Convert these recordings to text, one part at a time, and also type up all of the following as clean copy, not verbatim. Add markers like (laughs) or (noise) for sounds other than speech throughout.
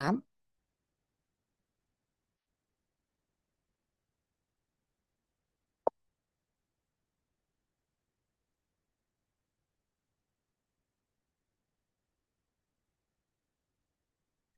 าม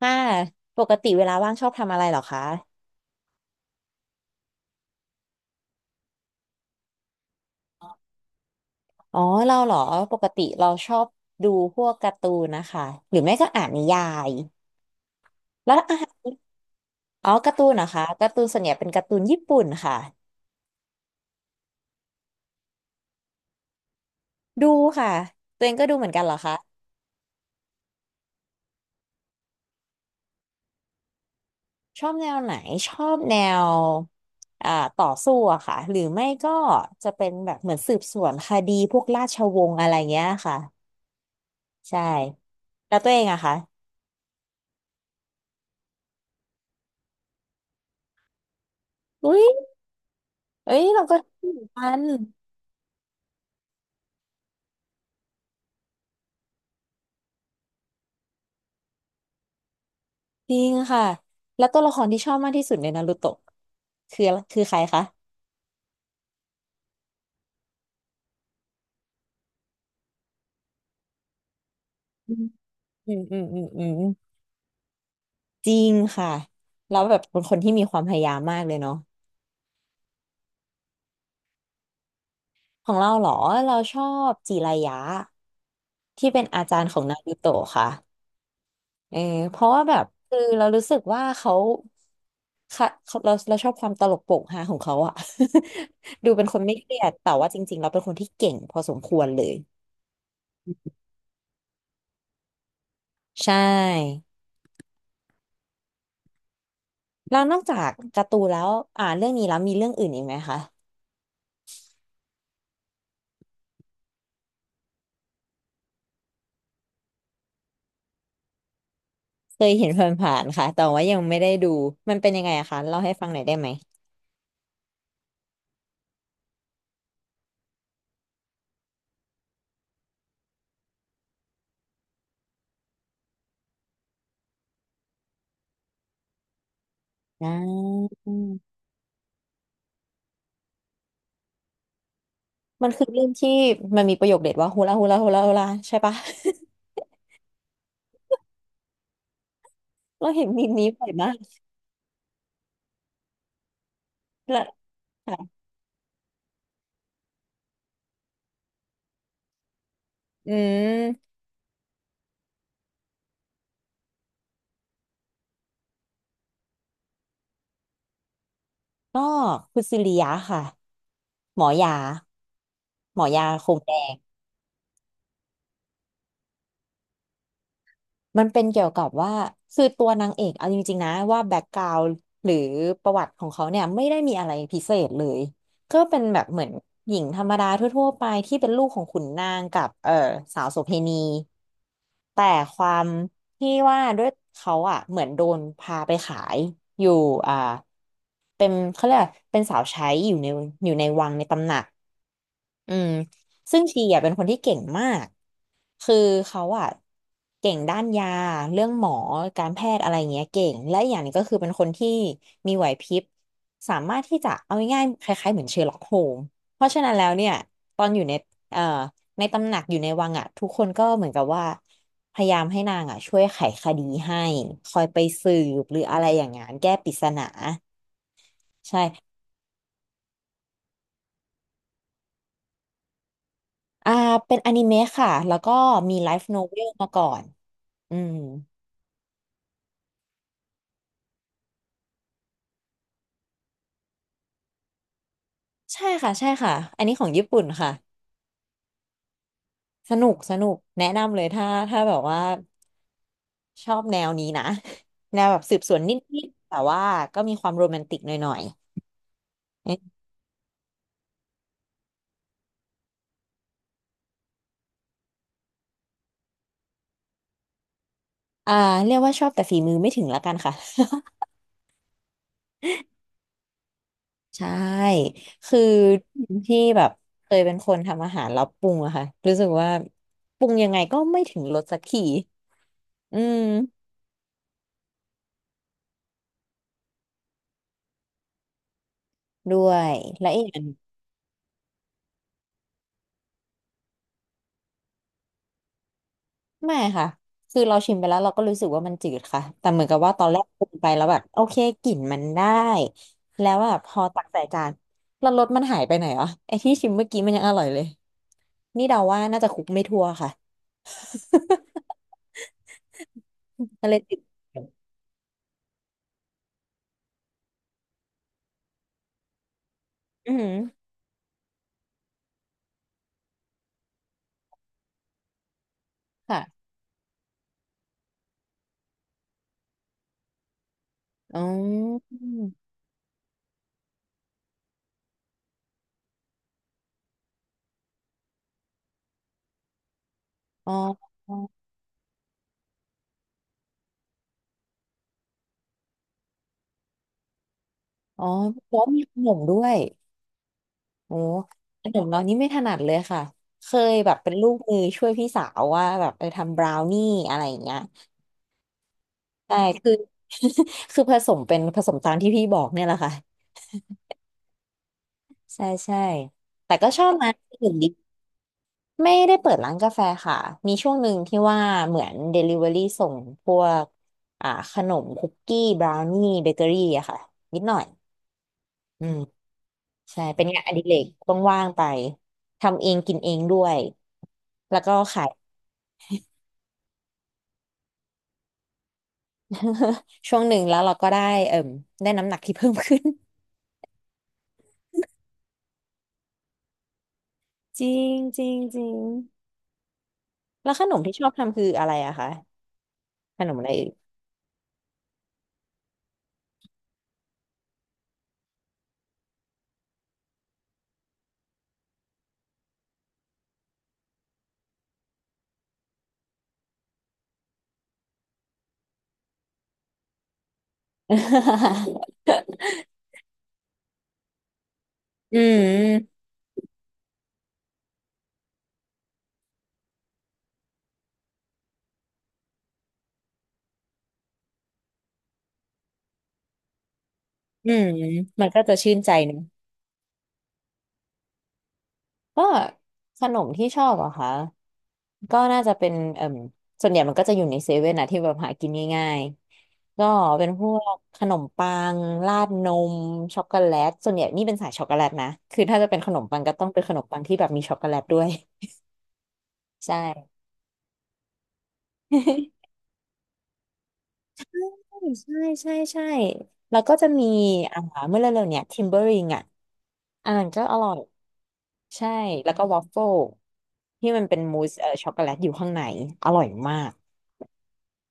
ค่ะปกติเวลาว่างชอบทำอะไรเหรอคะอ๋อเราเหรอปกติเราชอบดูพวกการ์ตูนนะคะหรือไม่ก็อ่านนิยายแล้วอ่ะอ๋อการ์ตูนนะคะการ์ตูนส่วนใหญ่เป็นการ์ตูนญี่ปุ่นค่ะดูค่ะตัวเองก็ดูเหมือนกันเหรอคะชอบแนวไหนชอบแนวอ่าต่อสู้อะค่ะหรือไม่ก็จะเป็นแบบเหมือนสืบสวนคดีพวกราชวงศ์อะไรเงี้ยค่ะใช่แล้วตัวเองอะคะอุ้ยเอ้ยเราก็ดูเหมือนกัน จริงค่ะแล้วตัวละครที่ชอบมากที่สุดในนารูโตะคือคือใครคะอืมอืมอืมอืมอืมจริงค่ะแล้วแบบเป็นคนที่มีความพยายามมากเลยเนาะของเราเหรอเราชอบจิรายะที่เป็นอาจารย์ของนารูโตะค่ะเออเพราะว่าแบบคือเรารู้สึกว่าเขาค่ะเขาเราชอบความตลกโปกฮาของเขาอะ (laughs) ดูเป็นคนไม่เครียดแต่ว่าจริงๆเราเป็นคนที่เก่งพอสมควรเลยใช่ แล้วนอกจากการ์ตูนแล้วเรื่องนี้แล้วมีเรื่องอื่นอีกไหมคะเคยเห็นผ่านๆค่ะแต่ว่ายังไม่ได้ดูมันเป็นยังไงอะคะเล่าให้ฟังหน่อยได้ไหมอ่ามันคือเรื่องที่มันมีประโยคเด็ดว่าฮูลาฮูลาฮูลาฮูลาใช่ปะ (laughs) เราเห็นมีมนี้บ่อยมากและค่ะอืมก็คุณซิริยะค่ะ หมอยาหมอยาโคงแดง มันเป็นเกี่ยวกับว่าคือตัวนางเอกเอาจริงๆนะว่าแบ็กกราวด์หรือประวัติของเขาเนี่ยไม่ได้มีอะไรพิเศษเลยก็เป็นแบบเหมือนหญิงธรรมดาทั่วๆไปที่เป็นลูกของขุนนางกับสาวโสเภณีแต่ความที่ว่าด้วยเขาอ่ะเหมือนโดนพาไปขายอยู่อ่าเป็นเขาเรียกว่าเป็นสาวใช้อยู่ในวังในตำหนักอืมซึ่งชีอ่ะเป็นคนที่เก่งมาก คือเขาอะเก่งด้านยาเรื่องหมอการแพทย์อะไรเงี้ยเก่งและอีกอย่างหนึงก็คือเป็นคนที่มีไหวพริบสามารถที่จะเอาง่ายๆคล้ายๆเหมือนเชอร์ล็อกโฮมเพราะฉะนั้นแล้วเนี่ยตอนอยู่ในเอ่อในตำหนักอยู่ในวังอะทุกคนก็เหมือนกับว่าพยายามให้นางอะช่วยไขคดีให้คอยไปสืบหรืออะไรอย่างงั้นแก้ปริศนาใช่อ่าเป็นอนิเมะค่ะแล้วก็มีไลฟ์โนเวลมาก่อนอืมใช่ค่ะใช่ค่ะอันนี้ของญี่ปุ่นค่ะ สนุกสนุกแนะนำเลยถ้าแบบว่าชอบแนวนี้นะ (laughs) แนวแบบสืบสวนนิดๆแต่ว่าก็มีความโรแมนติกหน่อยๆเอ๊ะอ่าเรียกว่าชอบแต่ฝีมือไม่ถึงละกันค่ะ (laughs) ใช่คือที่แบบเคยเป็นคนทำอาหารแล้วปรุงอะค่ะรู้สึกว่าปรุงยังไงก็ไม่ถึงรสสักทีอืมด้วยและอีก ไม่ค่ะคือเราชิมไปแล้วเราก็รู้สึกว่ามันจืดค่ะแต่เหมือนกับว่าตอนแรกกินไปแล้วแบบโอเคกลิ่นมันได้แล้วแบบพอตักใส่จานแล้วรสมันหายไปไหนอ่ะไอ้ที่ชิมเมื่อกี้มันยังอร่อยเลยนี่เดาว่าน่าจะคลุกไม่ทั่วค่ะ (laughs) ก็เลยติดอือหือค่ะอ๋ออ๋ออ๋อแล้วมีขนมด้วยโอ้ขนมเรานี่ไม่ถนัดเลยค่ะเคยแบบเป็นลูกมือช่วยพี่สาวว่าแบบไปทำบราวนี่อะไรอย่างเงี้ย ใช่คือ (laughs) คือผสมเป็นผสมตามที่พี่บอกเนี่ยแหละค่ะ ใช่ใช่แต่ก็ชอบร้านอื่นดีไม่ได้เปิดร้านกาแฟค่ะ มีช่วงหนึ่งที่ว่าเหมือน Delivery ส่งพวกขนมคุกกี้บราวนี่เบเกอรี่อะค่ะ นิดหน่อยอืมใช่เป็นงานอดิเรกว่างๆไป ทำเองกินเองด้วย แล้วก็ขาย (laughs) ช่วงหนึ่งแล้วเราก็ได้เอิ่มได้น้ำหนักที่เพิ่มขึ้น (laughs) จริงจริงจริงแล้วขนมที่ชอบทำคืออะไรอะคะ ขนมอะไรอีก (laughs) อืมอืมมันก็จะชื่นใจเนอะก็ขนมที่ชอบเหรอะคะก็น่าจะเป็นเอ่มส่วนใหญ่มันก็จะอยู่ในเซเว่นนะที่แบบหากินง่ายๆก็เป็นพวกขนมปังราดนมช็อกโกแลตส่วนใหญ่นี่เป็นสายช็อกโกแลตนะคือถ้าจะเป็นขนมปังก็ต้องเป็นขนมปังที่แบบมีช็อกโกแลตด้วย (laughs) ใช่ (laughs) ใช่ใช่ใช่แล้วก็จะมีอ่าเมื่อเร็วๆเนี่ยทิมเบอริงอ่ะอันนั้นก็อร่อยใช่แล้วก็วอฟเฟิลที่มันเป็นมูสช็อกโกแลตอยู่ข้างในอร่อยมาก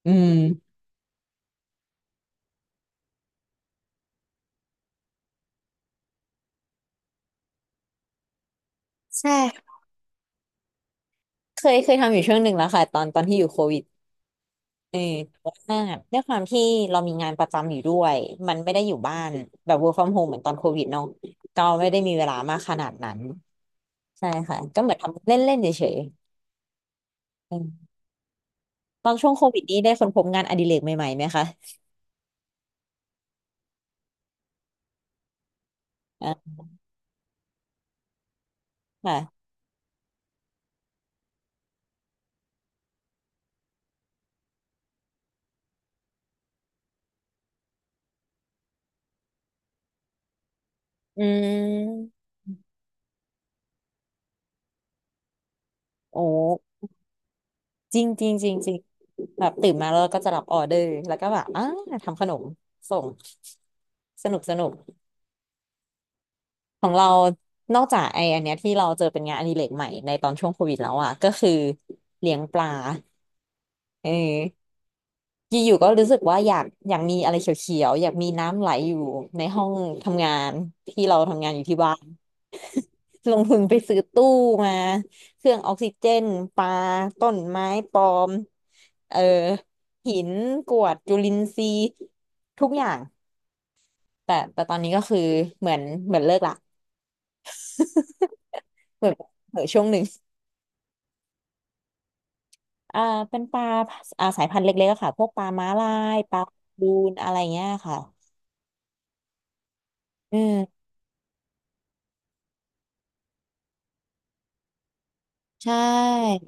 อืมใช่เคยทำอยู่ช่วงหนึ่งแล้วค่ะตอนที่อยู่โควิดเออแต่ว่าด้วยความที่เรามีงานประจำอยู่ด้วยมันไม่ได้อยู่บ้านแบบ work from home เหมือนตอนโควิดเนาะก็ไม่ได้มีเวลามากขนาดนั้นใช่ค่ะก็เหมือนทำเล่นๆเฉยๆอืม ตอนช่วงโควิดนี้ได้ค้นพบงานอดิเรกใหม่ๆไหมคะอ่าค่ะอืมโอ้จริงจริงจริงจริงแบบตื่นมาแล้วก็จะรับออเดอร์แล้วก็แบบทำขนมส่ง สนุกสนุกของเรานอกจากไออันเนี้ยที่เราเจอเป็นงานอดิเรกใหม่ในตอนช่วงโควิดแล้วอ่ะก็คือเลี้ยงปลาเอออยู่ๆก็รู้สึกว่าอยาก อยากมีอะไรเขียวๆ อยากมีน้ำไหลอยู่ในห้องทำงานที่เราทำงานอยู่ที่บ้าน ลงทุนไปซื้อตู้มา เครื่องออกซิเจน ปลาต้นไม้ปลอมเออหินกรวดจุลินทรีย์ทุกอย่างแต่ตอนนี้ก็คือเหมือนเหมือนเลิกละเหมือนเหมือนช่วงหนึ่งอ่าเป็นปลาสายพันธุ์เล็กๆอะค่ะพวกปลาม้าลายปลาบูนอะไรเงี้ยค่ะอืมใช่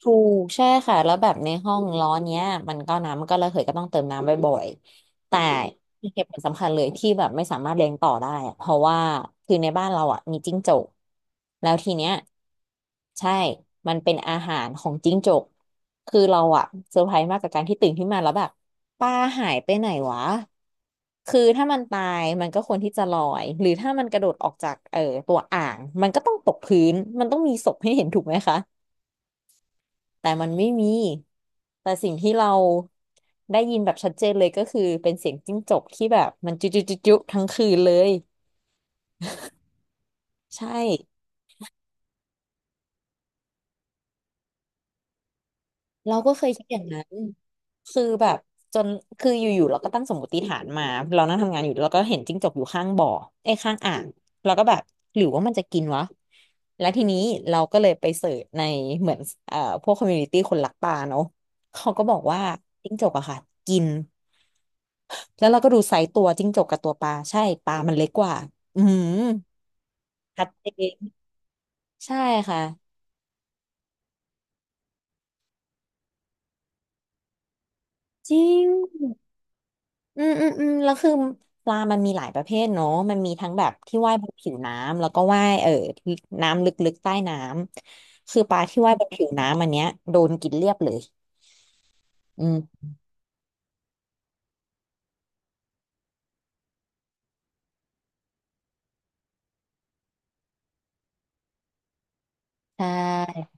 ถูกใช่ค่ะแล้วแบบในห้องร้อนเนี้ยมันก็น้ำก็ระเหยก็ต้องเติมน้ำบ่อยๆแต่เหตุผลสำคัญเลยที่แบบไม่สามารถเลี้ยงต่อได้อะเพราะว่าคือในบ้านเราอ่ะมีจิ้งจกแล้วทีเนี้ยใช่มันเป็นอาหารของจิ้งจกคือเราอะเซอร์ไพรส์มากกับการที่ตื่นขึ้นมาแล้วแบบปลาหายไปไหนวะคือถ้ามันตายมันก็ควรที่จะลอยหรือถ้ามันกระโดดออกจากตัวอ่างมันก็ต้องตกพื้นมันต้องมีศพให้เห็นถูกไหมคะ แต่มันไม่มี แต่สิ่งที่เราได้ยินแบบชัดเจนเลยก็คือเป็นเสียงจิ้งจกที่แบบมันจุจุจุจุทั้งคืนเลยใช่เราก็เคยคิดอย่างนั้นคือแบบจนคืออยู่ๆเราก็ตั้งสมมติฐานมาเรานั่งทำงานอยู่เราก็เห็นจิ้งจกอยู่ข้างบ่อไอ้ยข้างอ่างเราก็แบบหรือว่ามันจะกินวะแล้วทีนี้เราก็เลยไปเสิร์ชในเหมือนพวกคอมมูนิตี้คนรักปลาเนาะเขาก็บอกว่าจิ้งจกอะค่ะกิน แล้วเราก็ดูไซส์ตัวจิ้งจกกับตัวปลาใช่ปลามันเล็กกว่าอืมชัดเจนใช่ค่ะจริงอืมอืมอืมแล้วคือปลามันมีหลายประเภทเนาะมันมีทั้งแบบที่ว่ายบนผิวน้ำแล้วก็ว่ายเออที่น้ำลึกๆใต้น้ำคือปลาที่ว่ายบนผิวน้ำอันเนี้ยโดนกินเรียบเลยอืมใช่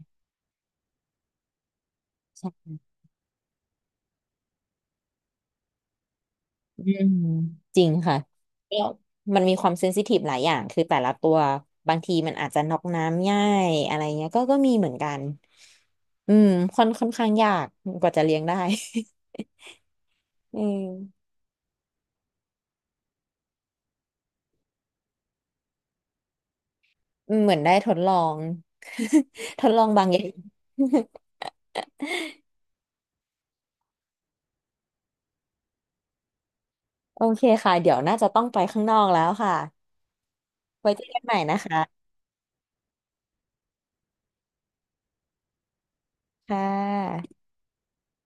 ใช่ อืมจริงค่ะแล้วมันมีความเซนซิทีฟหลายอย่างคือแต่ละตัวบางทีมันอาจจะน็อกน้ำง่ายอะไรเงี้ยก็มีเหมือนกันอืมค่อนข้างยากกว่าจะเลี้ยงได้ (laughs) อืมเหมือนได้ทดลอง (laughs) ทดลองบางอย่าง (laughs) โอเคค่ะเดี๋ยวน่าจะต้องไปข้างนอกแล้วค่ะไว้เจอกันใหม่นะคะค่ะ